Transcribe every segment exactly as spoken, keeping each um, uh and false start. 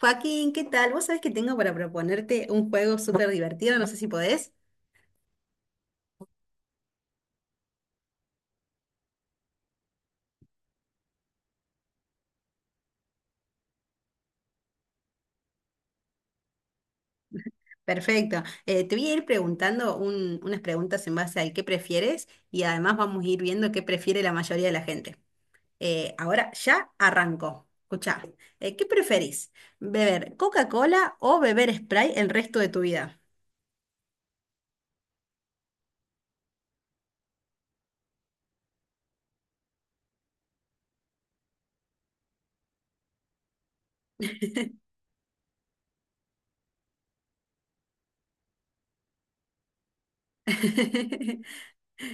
Joaquín, ¿qué tal? Vos sabés que tengo para proponerte un juego súper divertido, no sé si podés. Perfecto. Eh, te voy a ir preguntando un- unas preguntas en base al qué prefieres y además vamos a ir viendo qué prefiere la mayoría de la gente. Eh, ahora ya arranco. Escuchá, eh, ¿qué preferís? ¿Beber Coca-Cola o beber Sprite el resto de tu vida?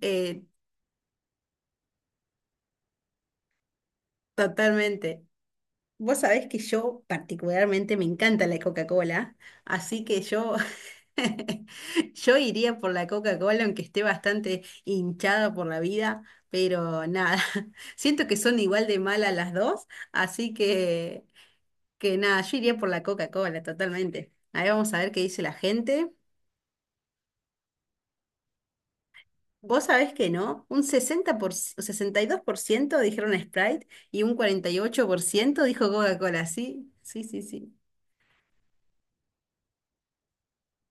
Eh, totalmente. Vos sabés que yo particularmente me encanta la Coca-Cola, así que yo yo iría por la Coca-Cola, aunque esté bastante hinchada por la vida, pero nada, siento que son igual de malas las dos, así que, que nada, yo iría por la Coca-Cola totalmente. Ahí vamos a ver qué dice la gente. Vos sabés que no, un sesenta por, c- sesenta y dos por ciento dijeron Sprite y un cuarenta y ocho por ciento dijo Coca-Cola, sí, sí, sí, sí.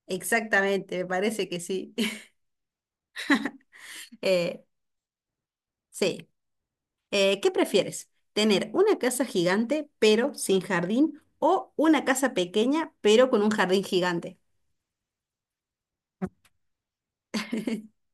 Exactamente, me parece que sí. Eh, sí. Eh, ¿qué prefieres? ¿Tener una casa gigante pero sin jardín o una casa pequeña pero con un jardín gigante?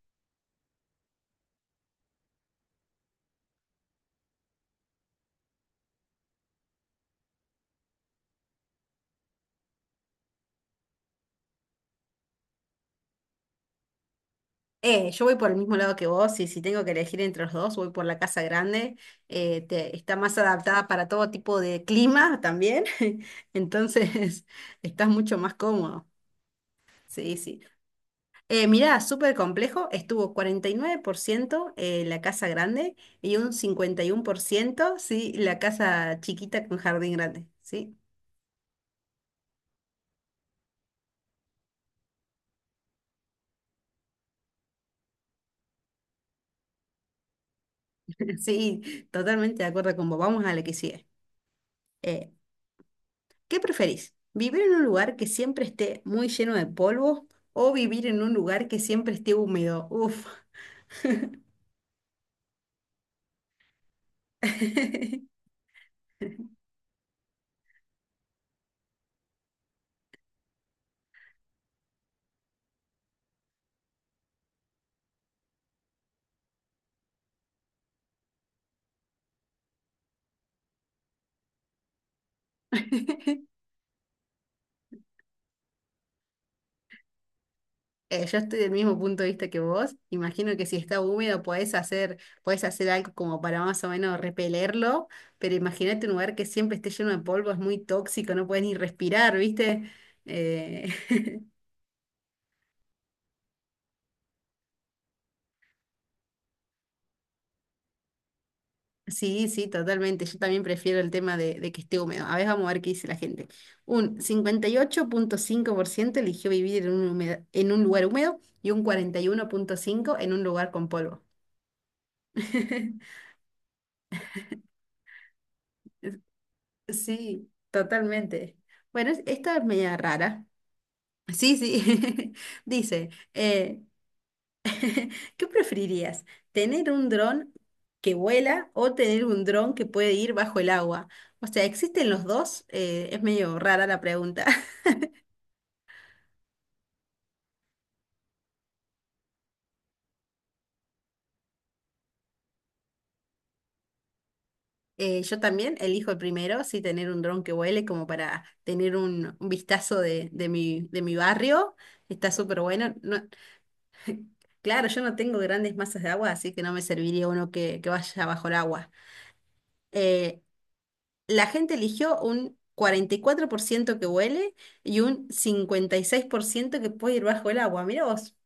Eh, yo voy por el mismo lado que vos y si tengo que elegir entre los dos, voy por la casa grande. Eh, te- está más adaptada para todo tipo de clima también, entonces estás mucho más cómodo. Sí, sí. Eh, mirá, súper complejo, estuvo cuarenta y nueve por ciento eh, la casa grande y un cincuenta y uno por ciento, sí, la casa chiquita con jardín grande, ¿sí? Sí, totalmente de acuerdo con vos. Vamos a la que sigue. Eh, ¿Qué preferís? ¿Vivir en un lugar que siempre esté muy lleno de polvo o vivir en un lugar que siempre esté húmedo? Uf. Eh, yo estoy del mismo punto de vista que vos. Imagino que si está húmedo podés hacer, podés hacer algo como para más o menos repelerlo, pero imagínate un lugar que siempre esté lleno de polvo, es muy tóxico, no puedes ni respirar, ¿viste? Eh, Sí, sí, totalmente. Yo también prefiero el tema de, de que esté húmedo. A ver, vamos a ver qué dice la gente. Un cincuenta y ocho punto cinco por ciento eligió vivir en un, humedad- en un lugar húmedo y un cuarenta y uno punto cinco por ciento en un lugar con polvo. Sí, totalmente. Bueno, es- esta es media rara. Sí, sí. Dice, eh, ¿qué preferirías? ¿Tener un dron que vuela o tener un dron que puede ir bajo el agua? O sea, ¿existen los dos? Eh, es medio rara la pregunta. Eh, yo también elijo el primero, sí, tener un dron que vuele como para tener un, un vistazo de, de mi, de mi barrio. Está súper bueno. No- claro, yo no tengo grandes masas de agua, así que no me serviría uno que, que vaya bajo el agua. Eh, la gente eligió un cuarenta y cuatro por ciento que huele y un cincuenta y seis por ciento que puede ir bajo el agua. Mirá vos.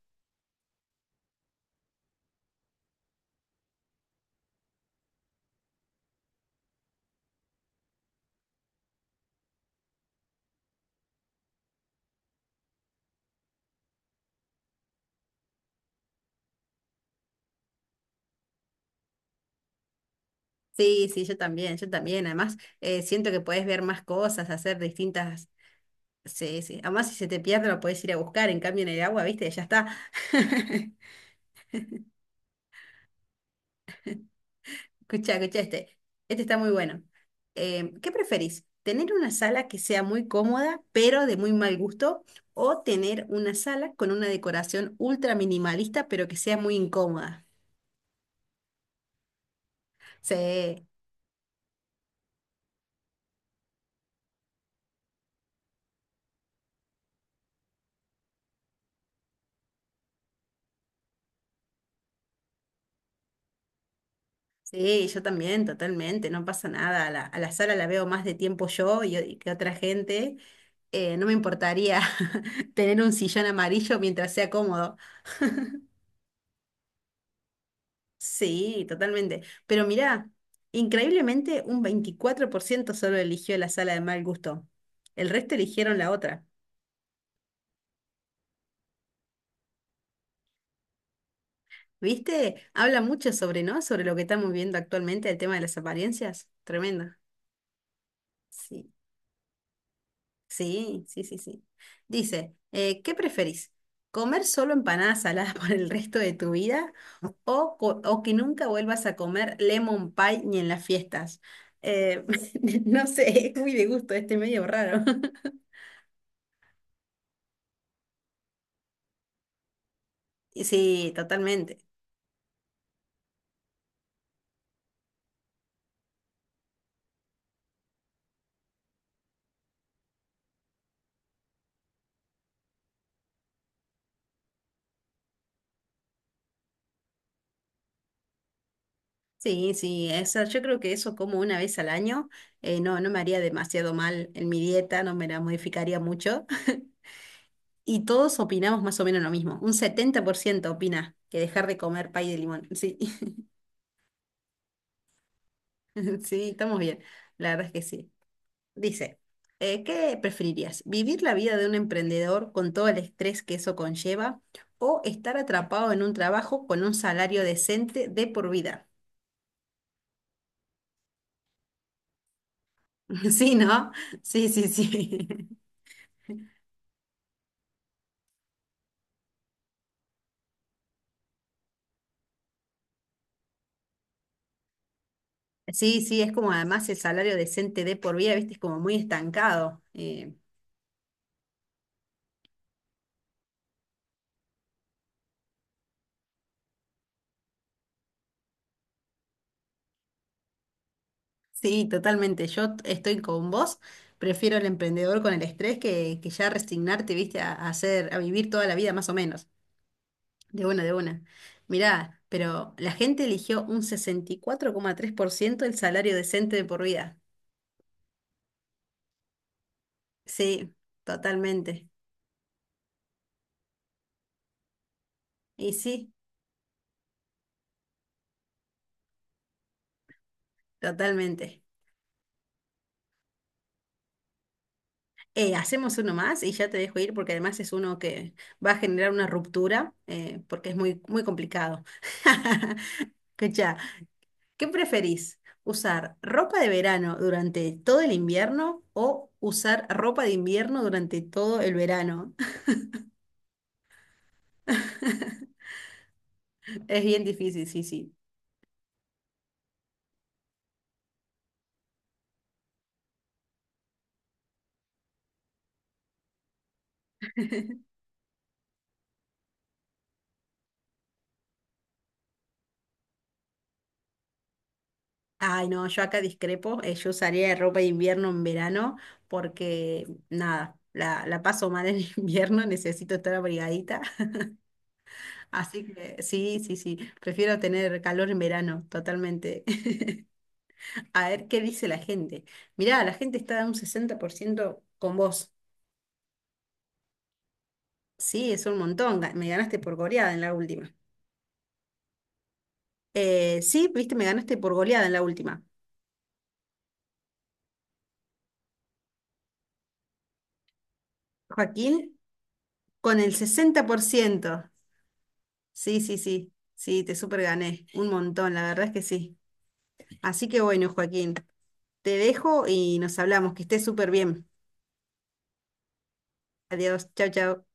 Sí, sí, yo también, yo también. Además, eh, siento que podés ver más cosas, hacer distintas. Sí, sí. Además, si se te pierde, lo puedes ir a buscar. En cambio, en el agua, ¿viste? Ya está. Escucha, escucha este. Este está muy bueno. Eh, ¿qué preferís? ¿Tener una sala que sea muy cómoda, pero de muy mal gusto? ¿O tener una sala con una decoración ultra minimalista, pero que sea muy incómoda? Sí, sí, yo también, totalmente. No pasa nada. A la, a la sala la veo más de tiempo yo y y que otra gente, eh, no me importaría tener un sillón amarillo mientras sea cómodo. Sí, totalmente. Pero mirá, increíblemente un veinticuatro por ciento solo eligió la sala de mal gusto. El resto eligieron la otra. ¿Viste? Habla mucho sobre, ¿no? Sobre lo que estamos viendo actualmente, el tema de las apariencias. Tremendo. Sí, sí, sí, sí, sí. Dice, eh, ¿qué preferís? ¿Comer solo empanadas saladas por el resto de tu vida o, co- o que nunca vuelvas a comer lemon pie ni en las fiestas? Eh, no sé, es muy de gusto, este medio raro. Y sí, totalmente. Sí, sí, esa, yo creo que eso como una vez al año eh, no, no me haría demasiado mal en mi dieta, no me la modificaría mucho. Y todos opinamos más o menos lo mismo. Un setenta por ciento opina que dejar de comer pay de limón. Sí, sí, estamos bien. La verdad es que sí. Dice, eh, ¿qué preferirías? ¿Vivir la vida de un emprendedor con todo el estrés que eso conlleva o estar atrapado en un trabajo con un salario decente de por vida? Sí, ¿no? Sí, sí, sí. Sí, sí, es como además el salario decente de por vida, viste, es como muy estancado. Eh, sí, totalmente. Yo t- estoy con vos. Prefiero el emprendedor con el estrés que, que ya resignarte, viste, a, a hacer, a vivir toda la vida más o menos. De una, de una. Mirá, pero la gente eligió un sesenta y cuatro coma tres por ciento el salario decente de por vida. Sí, totalmente. Y sí, totalmente. Eh, hacemos uno más y ya te dejo ir porque además es uno que va a generar una ruptura, eh, porque es muy, muy complicado. Escucha, ¿qué preferís? ¿Usar ropa de verano durante todo el invierno o usar ropa de invierno durante todo el verano? Es bien difícil, sí, sí. Ay, no, yo acá discrepo. Eh, yo usaría ropa de invierno en verano porque, nada, la, la paso mal en invierno, necesito estar abrigadita. Así que sí, sí, sí, prefiero tener calor en verano, totalmente. A ver qué dice la gente. Mirá, la gente está un sesenta por ciento con vos. Sí, es un montón. ga- Me ganaste por goleada en la última. Eh, sí, viste, me ganaste por goleada en la última. Joaquín, con el sesenta por ciento. Sí, sí, sí, sí, te super gané. Un montón, la verdad es que sí. Así que bueno, Joaquín, te dejo y nos hablamos. Que estés súper bien. Adiós, chao, chao.